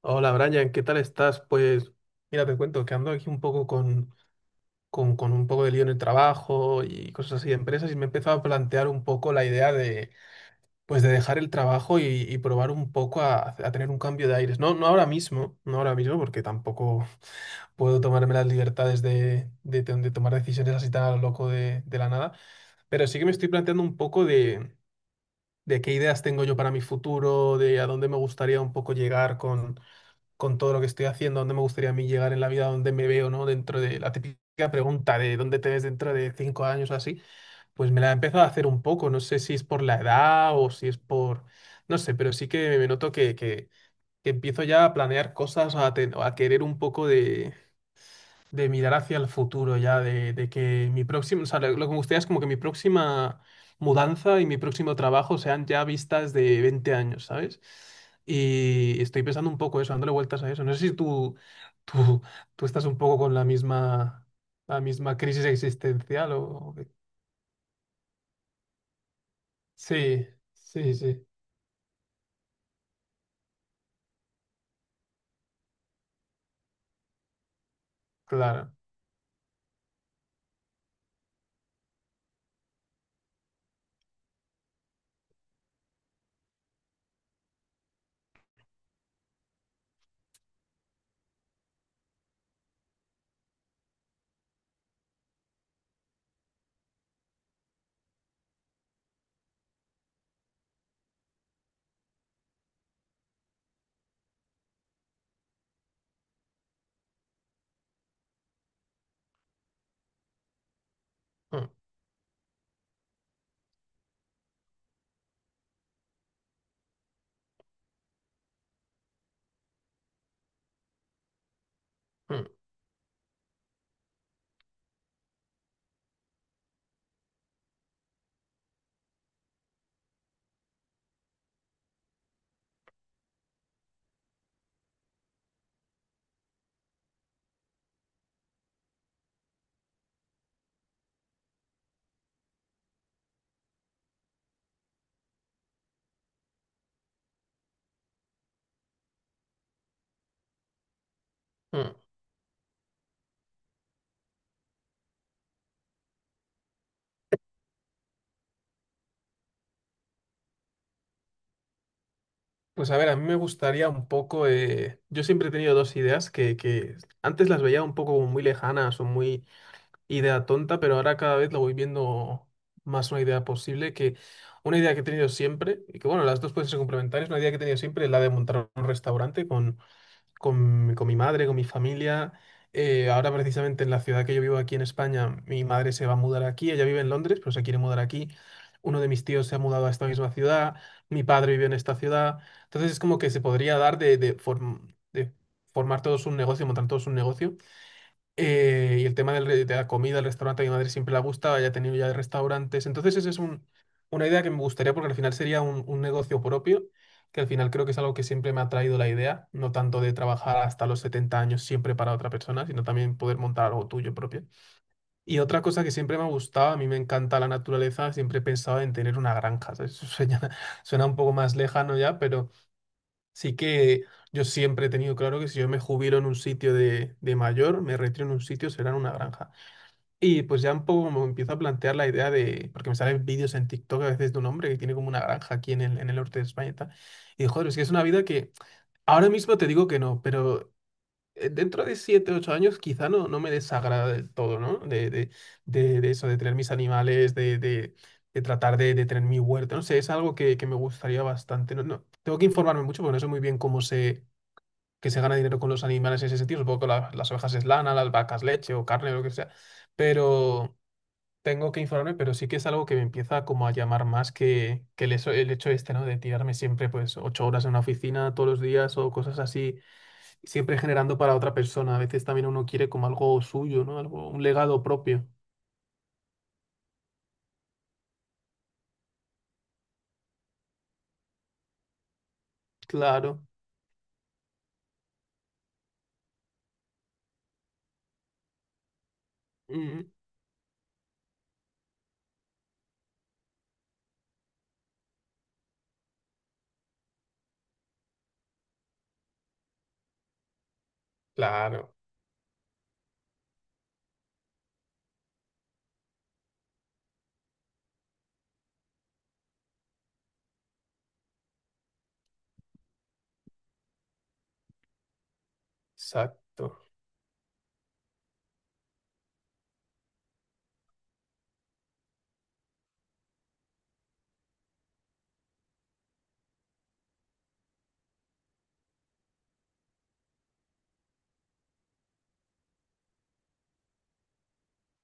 Hola Brian, ¿qué tal estás? Pues mira, te cuento que ando aquí un poco con un poco de lío en el trabajo y cosas así de empresas y me he empezado a plantear un poco la idea pues, de dejar el trabajo y probar un poco a tener un cambio de aires. No, no ahora mismo, no ahora mismo porque tampoco puedo tomarme las libertades de tomar decisiones así tan a lo loco de la nada, pero sí que me estoy planteando un poco de qué ideas tengo yo para mi futuro, de a dónde me gustaría un poco llegar con todo lo que estoy haciendo, dónde me gustaría a mí llegar en la vida, dónde me veo, ¿no? Dentro de la típica pregunta de dónde te ves dentro de 5 años o así, pues me la he empezado a hacer un poco. No sé si es por la edad o si es por, no sé, pero sí que me noto que empiezo ya a planear cosas, a querer un poco de mirar hacia el futuro ya, de que mi próximo, o sea, lo que me gustaría es como que mi próxima mudanza y mi próximo trabajo sean ya vistas de 20 años, ¿sabes? Y estoy pensando un poco eso, dándole vueltas a eso. No sé si tú, tú estás un poco con la misma, crisis existencial. O... Sí, sí, sí, claro. Mm, mm, mm. Pues a ver, a mí me gustaría un poco. Yo siempre he tenido dos ideas que antes las veía un poco como muy lejanas o muy idea tonta, pero ahora cada vez lo voy viendo más una idea posible que una idea que he tenido siempre, y que bueno, las dos pueden ser complementarias, una idea que he tenido siempre es la de montar un restaurante con mi madre, con mi familia. Ahora precisamente en la ciudad que yo vivo aquí en España, mi madre se va a mudar aquí, ella vive en Londres, pero se quiere mudar aquí. Uno de mis tíos se ha mudado a esta misma ciudad, mi padre vive en esta ciudad. Entonces es como que se podría dar de formar todos un negocio, montar todos un negocio. Y el tema de la comida, el restaurante, a mi madre siempre le gusta, ella ha tenido ya restaurantes. Entonces, esa es una idea que me gustaría porque al final sería un negocio propio, que al final creo que es algo que siempre me ha traído la idea, no tanto de trabajar hasta los 70 años siempre para otra persona, sino también poder montar algo tuyo propio. Y otra cosa que siempre me ha gustado, a mí me encanta la naturaleza, siempre he pensado en tener una granja, ¿sabes? Suena, suena un poco más lejano ya. Sí que yo siempre he tenido claro que si yo me jubilo en un sitio de mayor, me retiro en un sitio, será en una granja. Y pues ya un poco me empiezo a plantear la idea, de, porque me salen vídeos en TikTok a veces de un hombre que tiene como una granja aquí en el norte de España y tal. Y joder, es que es una vida que ahora mismo te digo que no, pero dentro de 7 8 años quizá no, no me desagrada del todo, ¿no? De eso, de tener mis animales, de tratar de tener mi huerto. No sé, es algo que me gustaría bastante. No, no, tengo que informarme mucho porque no sé muy bien cómo que se gana dinero con los animales en ese sentido. Supongo que las ovejas es lana, las vacas leche o carne o lo que sea. Pero tengo que informarme, pero sí que es algo que me empieza como a llamar más que el hecho este, ¿no? De tirarme siempre pues 8 horas en una oficina todos los días o cosas así, siempre generando para otra persona. A veces también uno quiere como algo suyo, ¿no? Algo, un legado propio. Claro. Mm, claro. Exacto.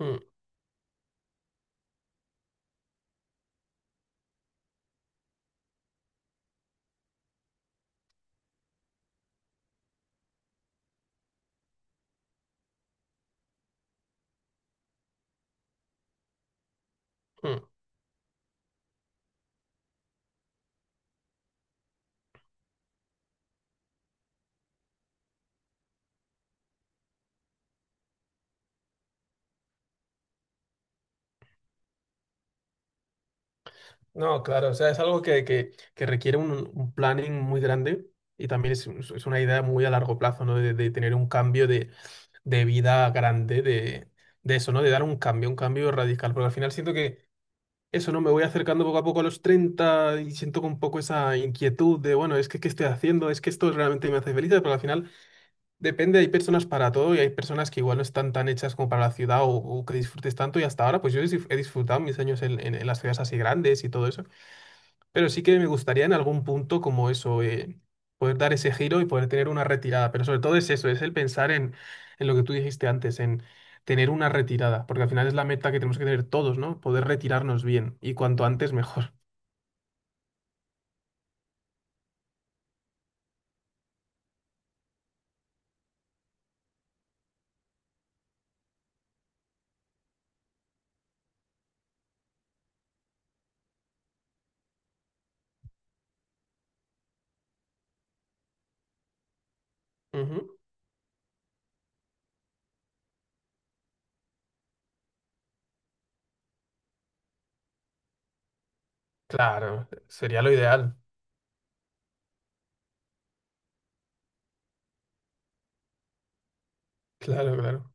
Mm, mm. No, claro, o sea, es algo que requiere un planning muy grande y también es una idea muy a largo plazo, ¿no? De tener un cambio de vida grande, de eso, ¿no? De dar un cambio radical, porque al final siento que eso, ¿no? Me voy acercando poco a poco a los 30 y siento un poco esa inquietud de, bueno, es que qué estoy haciendo, es que esto realmente me hace feliz, pero al final depende, hay personas para todo y hay personas que igual no están tan hechas como para la ciudad o que disfrutes tanto y hasta ahora, pues yo he disfrutado mis años en las ciudades así grandes y todo eso. Pero sí que me gustaría en algún punto como eso, poder dar ese giro y poder tener una retirada. Pero sobre todo es eso, es el pensar en lo que tú dijiste antes, en tener una retirada, porque al final es la meta que tenemos que tener todos, ¿no? Poder retirarnos bien y cuanto antes mejor. Ujú. Claro, sería lo ideal. Claro, claro,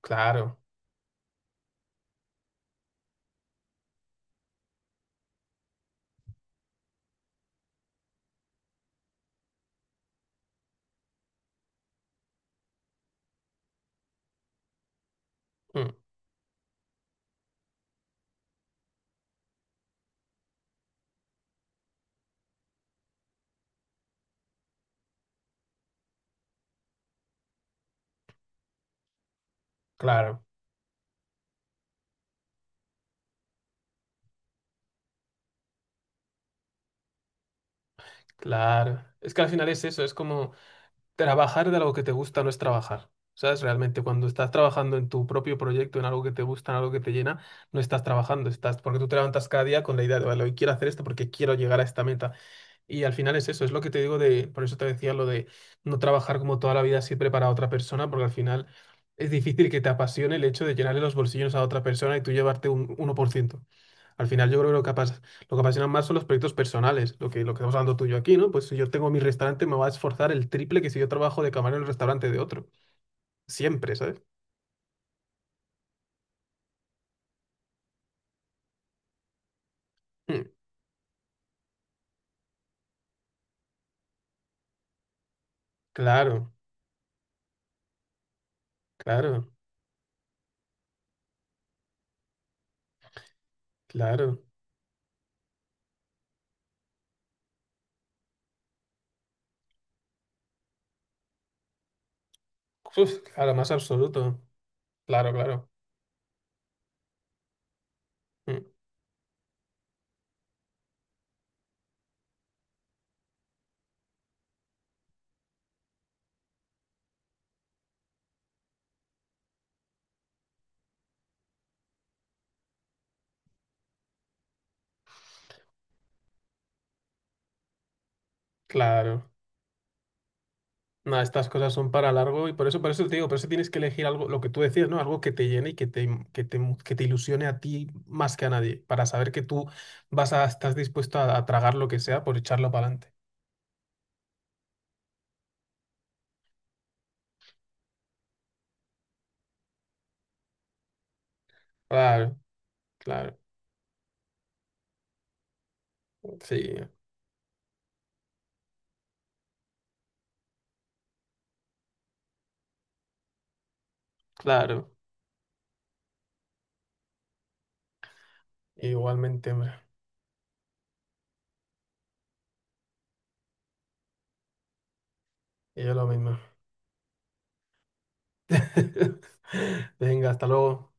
claro, mm, claro, claro. Es que al final es eso, es como. Trabajar de algo que te gusta no es trabajar. ¿Sabes? Realmente cuando estás trabajando en tu propio proyecto, en algo que te gusta, en algo que te llena, no estás trabajando, estás porque tú te levantas cada día con la idea de, vale, hoy quiero hacer esto porque quiero llegar a esta meta. Y al final es eso, es lo que te digo de, por eso te decía lo de no trabajar como toda la vida siempre para otra persona, porque al final es difícil que te apasione el hecho de llenarle los bolsillos a otra persona y tú llevarte un 1%. Al final yo creo que lo que apasiona más son los proyectos personales, lo que estamos hablando tú y yo aquí, ¿no? Pues si yo tengo mi restaurante me va a esforzar el triple que si yo trabajo de camarero en el restaurante de otro. Siempre, ¿sabes? Mm, claro, claro, claro. Uf, claro, más absoluto. Claro, claro. Mm, claro. Nada, estas cosas son para largo y por eso, te digo, por eso tienes que elegir algo, lo que tú decías, ¿no? Algo que te llene y que te ilusione a ti más que a nadie, para saber que tú estás dispuesto a tragar lo que sea por echarlo para adelante. Claro, sí, claro. Igualmente, hombre. Y yo lo mismo. Venga, hasta luego.